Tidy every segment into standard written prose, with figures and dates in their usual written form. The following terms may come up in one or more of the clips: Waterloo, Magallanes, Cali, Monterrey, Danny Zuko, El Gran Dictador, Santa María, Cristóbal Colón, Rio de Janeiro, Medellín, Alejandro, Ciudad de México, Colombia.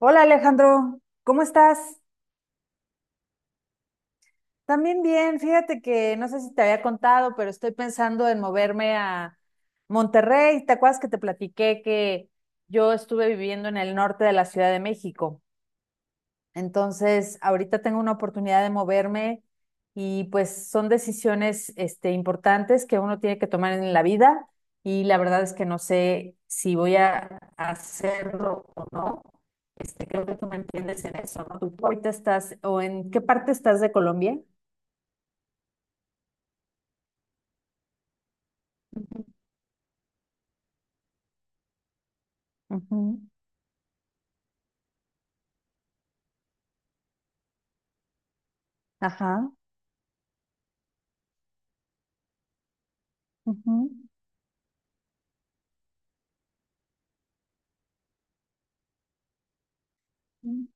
Hola Alejandro, ¿cómo estás? También bien, fíjate que no sé si te había contado, pero estoy pensando en moverme a Monterrey. ¿Te acuerdas que te platiqué que yo estuve viviendo en el norte de la Ciudad de México? Entonces, ahorita tengo una oportunidad de moverme y pues son decisiones importantes que uno tiene que tomar en la vida y la verdad es que no sé si voy a hacerlo o no. Creo que tú me entiendes en eso, ¿no? Tú ahorita estás, ¿o en qué parte estás de Colombia? Ujú. Ajá. Ujú. Mm.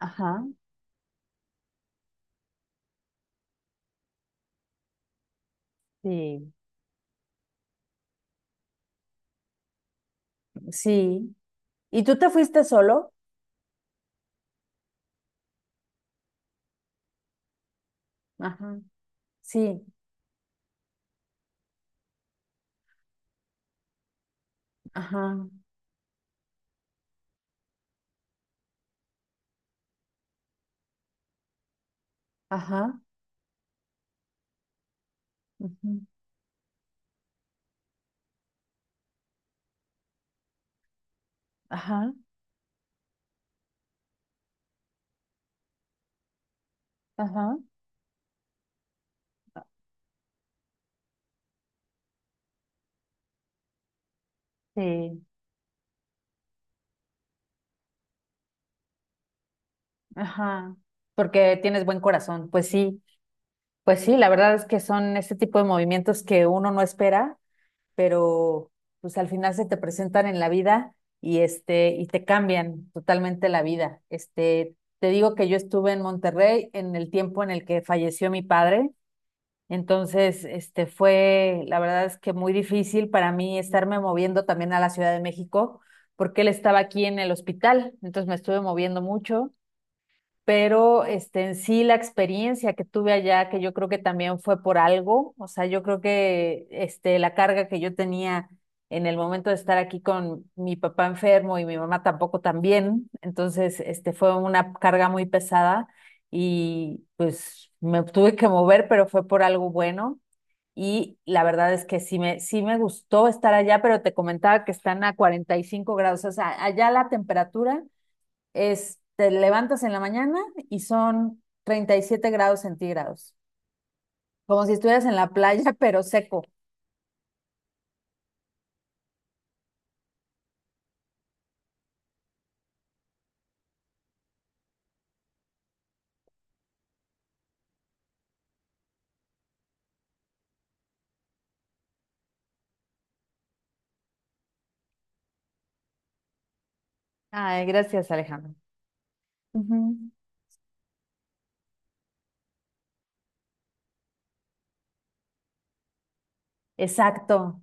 Ajá, sí, sí. ¿Y tú te fuiste solo? Ajá. Sí. Ajá. Ajá. Ujú. Ajá. Ajá. Sí. Ajá, porque tienes buen corazón. Pues sí, la verdad es que son este tipo de movimientos que uno no espera, pero pues al final se te presentan en la vida y y te cambian totalmente la vida. Te digo que yo estuve en Monterrey en el tiempo en el que falleció mi padre, entonces fue, la verdad es que muy difícil para mí estarme moviendo también a la Ciudad de México porque él estaba aquí en el hospital, entonces me estuve moviendo mucho, pero en sí la experiencia que tuve allá, que yo creo que también fue por algo, o sea, yo creo que la carga que yo tenía en el momento de estar aquí con mi papá enfermo y mi mamá tampoco también, entonces fue una carga muy pesada y pues me tuve que mover, pero fue por algo bueno. Y la verdad es que sí me gustó estar allá, pero te comentaba que están a 45 grados, o sea, allá la temperatura es, te levantas en la mañana y son 37 grados centígrados, como si estuvieras en la playa, pero seco. Ay, gracias, Alejandro. Ujú. Exacto.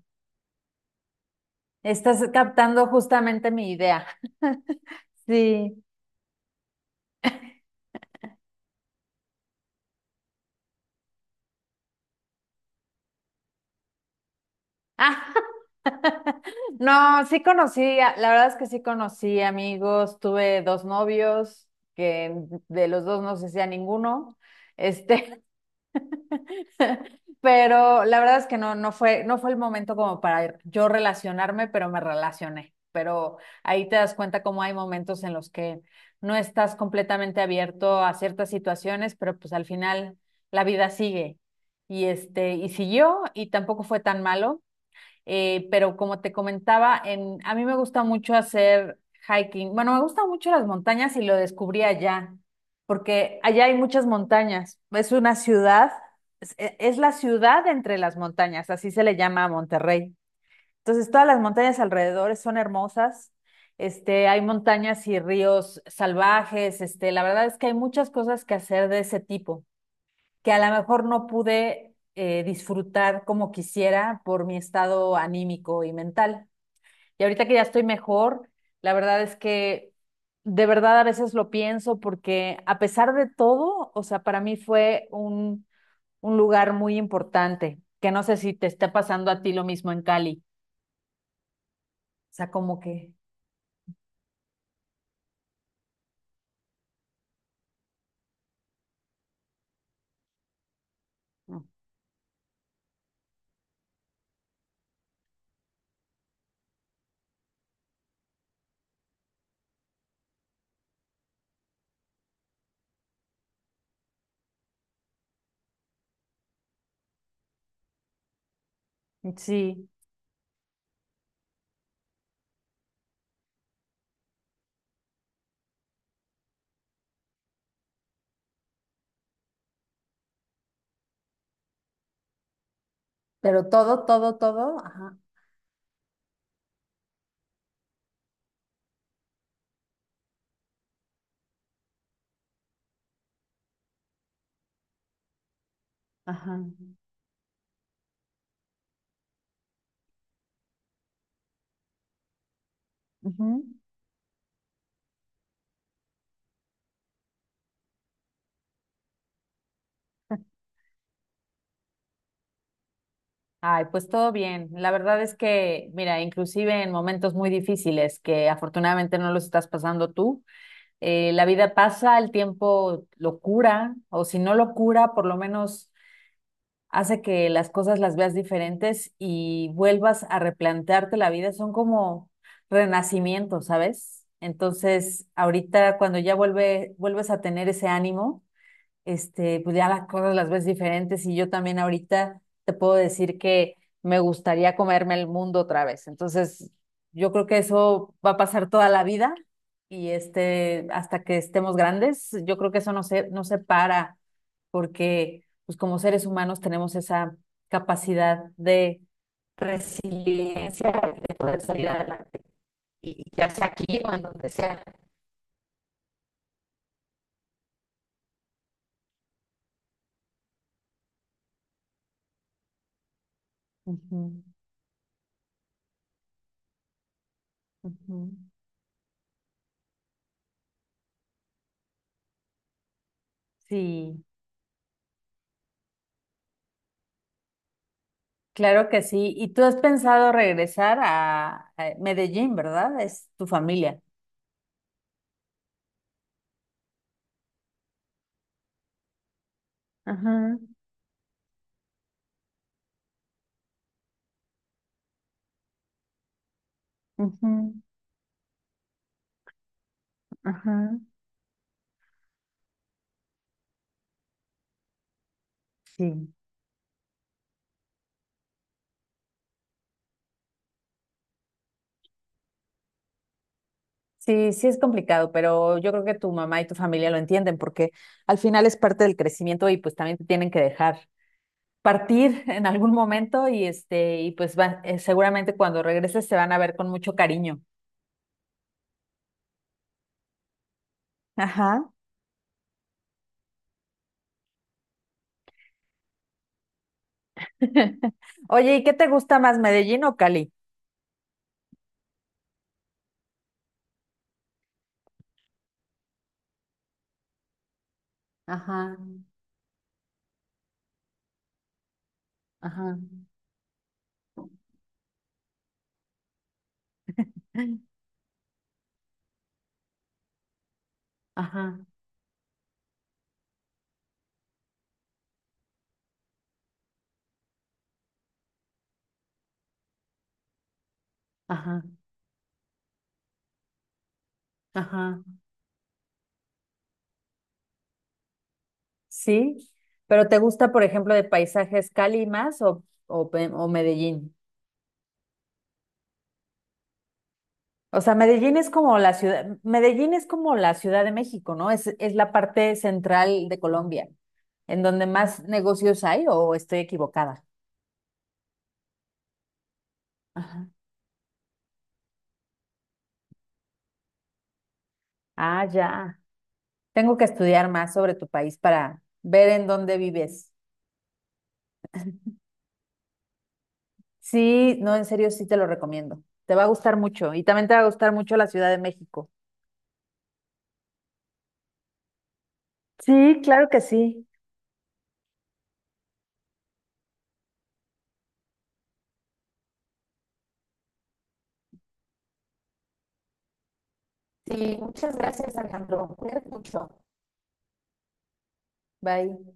Estás captando justamente mi idea. Sí. Ah, no, sí conocí, la verdad es que sí conocí amigos, tuve dos novios, que de los dos no se hacía ninguno. Este, Pero la verdad es que no, no fue el momento como para yo relacionarme, pero me relacioné. Pero ahí te das cuenta cómo hay momentos en los que no estás completamente abierto a ciertas situaciones, pero pues al final la vida sigue. Y y siguió, y tampoco fue tan malo. Pero como te comentaba, a mí me gusta mucho hacer hiking. Bueno, me gustan mucho las montañas y lo descubrí allá, porque allá hay muchas montañas. Es una ciudad, es, e- es la ciudad entre las montañas, así se le llama a Monterrey. Entonces, todas las montañas alrededor son hermosas. Hay montañas y ríos salvajes. La verdad es que hay muchas cosas que hacer de ese tipo que a lo mejor no pude disfrutar como quisiera por mi estado anímico y mental. Y ahorita que ya estoy mejor, la verdad es que de verdad a veces lo pienso porque a pesar de todo, o sea, para mí fue un lugar muy importante, que no sé si te está pasando a ti lo mismo en Cali. O sea, como que... No. Sí. Pero todo, todo, todo, ajá. Ajá. Ujú. Ay, pues todo bien. La verdad es que, mira, inclusive en momentos muy difíciles que afortunadamente no los estás pasando tú, la vida pasa, el tiempo lo cura, o si no lo cura, por lo menos hace que las cosas las veas diferentes y vuelvas a replantearte la vida. Son como renacimientos, ¿sabes? Entonces, ahorita cuando ya vuelves a tener ese ánimo, pues ya las cosas las ves diferentes y yo también ahorita te puedo decir que me gustaría comerme el mundo otra vez. Entonces, yo creo que eso va a pasar toda la vida y hasta que estemos grandes, yo creo que eso no se para porque pues como seres humanos tenemos esa capacidad de... Y- Ujú, ujú. Sí, claro que sí. ¿Y tú has pensado regresar a Medellín, verdad? Es tu familia. Ajá. Ujú. Ajá. Sí. Sí, sí es complicado, pero yo creo que tu mamá y tu familia lo entienden porque al final es parte del crecimiento y pues también te tienen que dejar partir en algún momento y y pues va, seguramente cuando regreses se van a ver con mucho cariño. Ajá. Oye, ¿y qué te gusta más, Medellín o Cali? Ajá. Ajá. Ajá. Ajá. Ajá. Sí, pero ¿te gusta, por ejemplo, de paisajes Cali más o Medellín? O sea, Medellín es como la ciudad, Medellín es como la Ciudad de México, ¿no? Es la parte central de Colombia, en donde más negocios hay, o estoy equivocada. Ajá. Ah, ya. Tengo que estudiar más sobre tu país para ver en dónde vives. Sí, no, en serio, sí te lo recomiendo. Te va a gustar mucho y también te va a gustar mucho la Ciudad de México. Sí, claro que sí. Sí, muchas gracias, Alejandro. Cuídate mucho. Bye.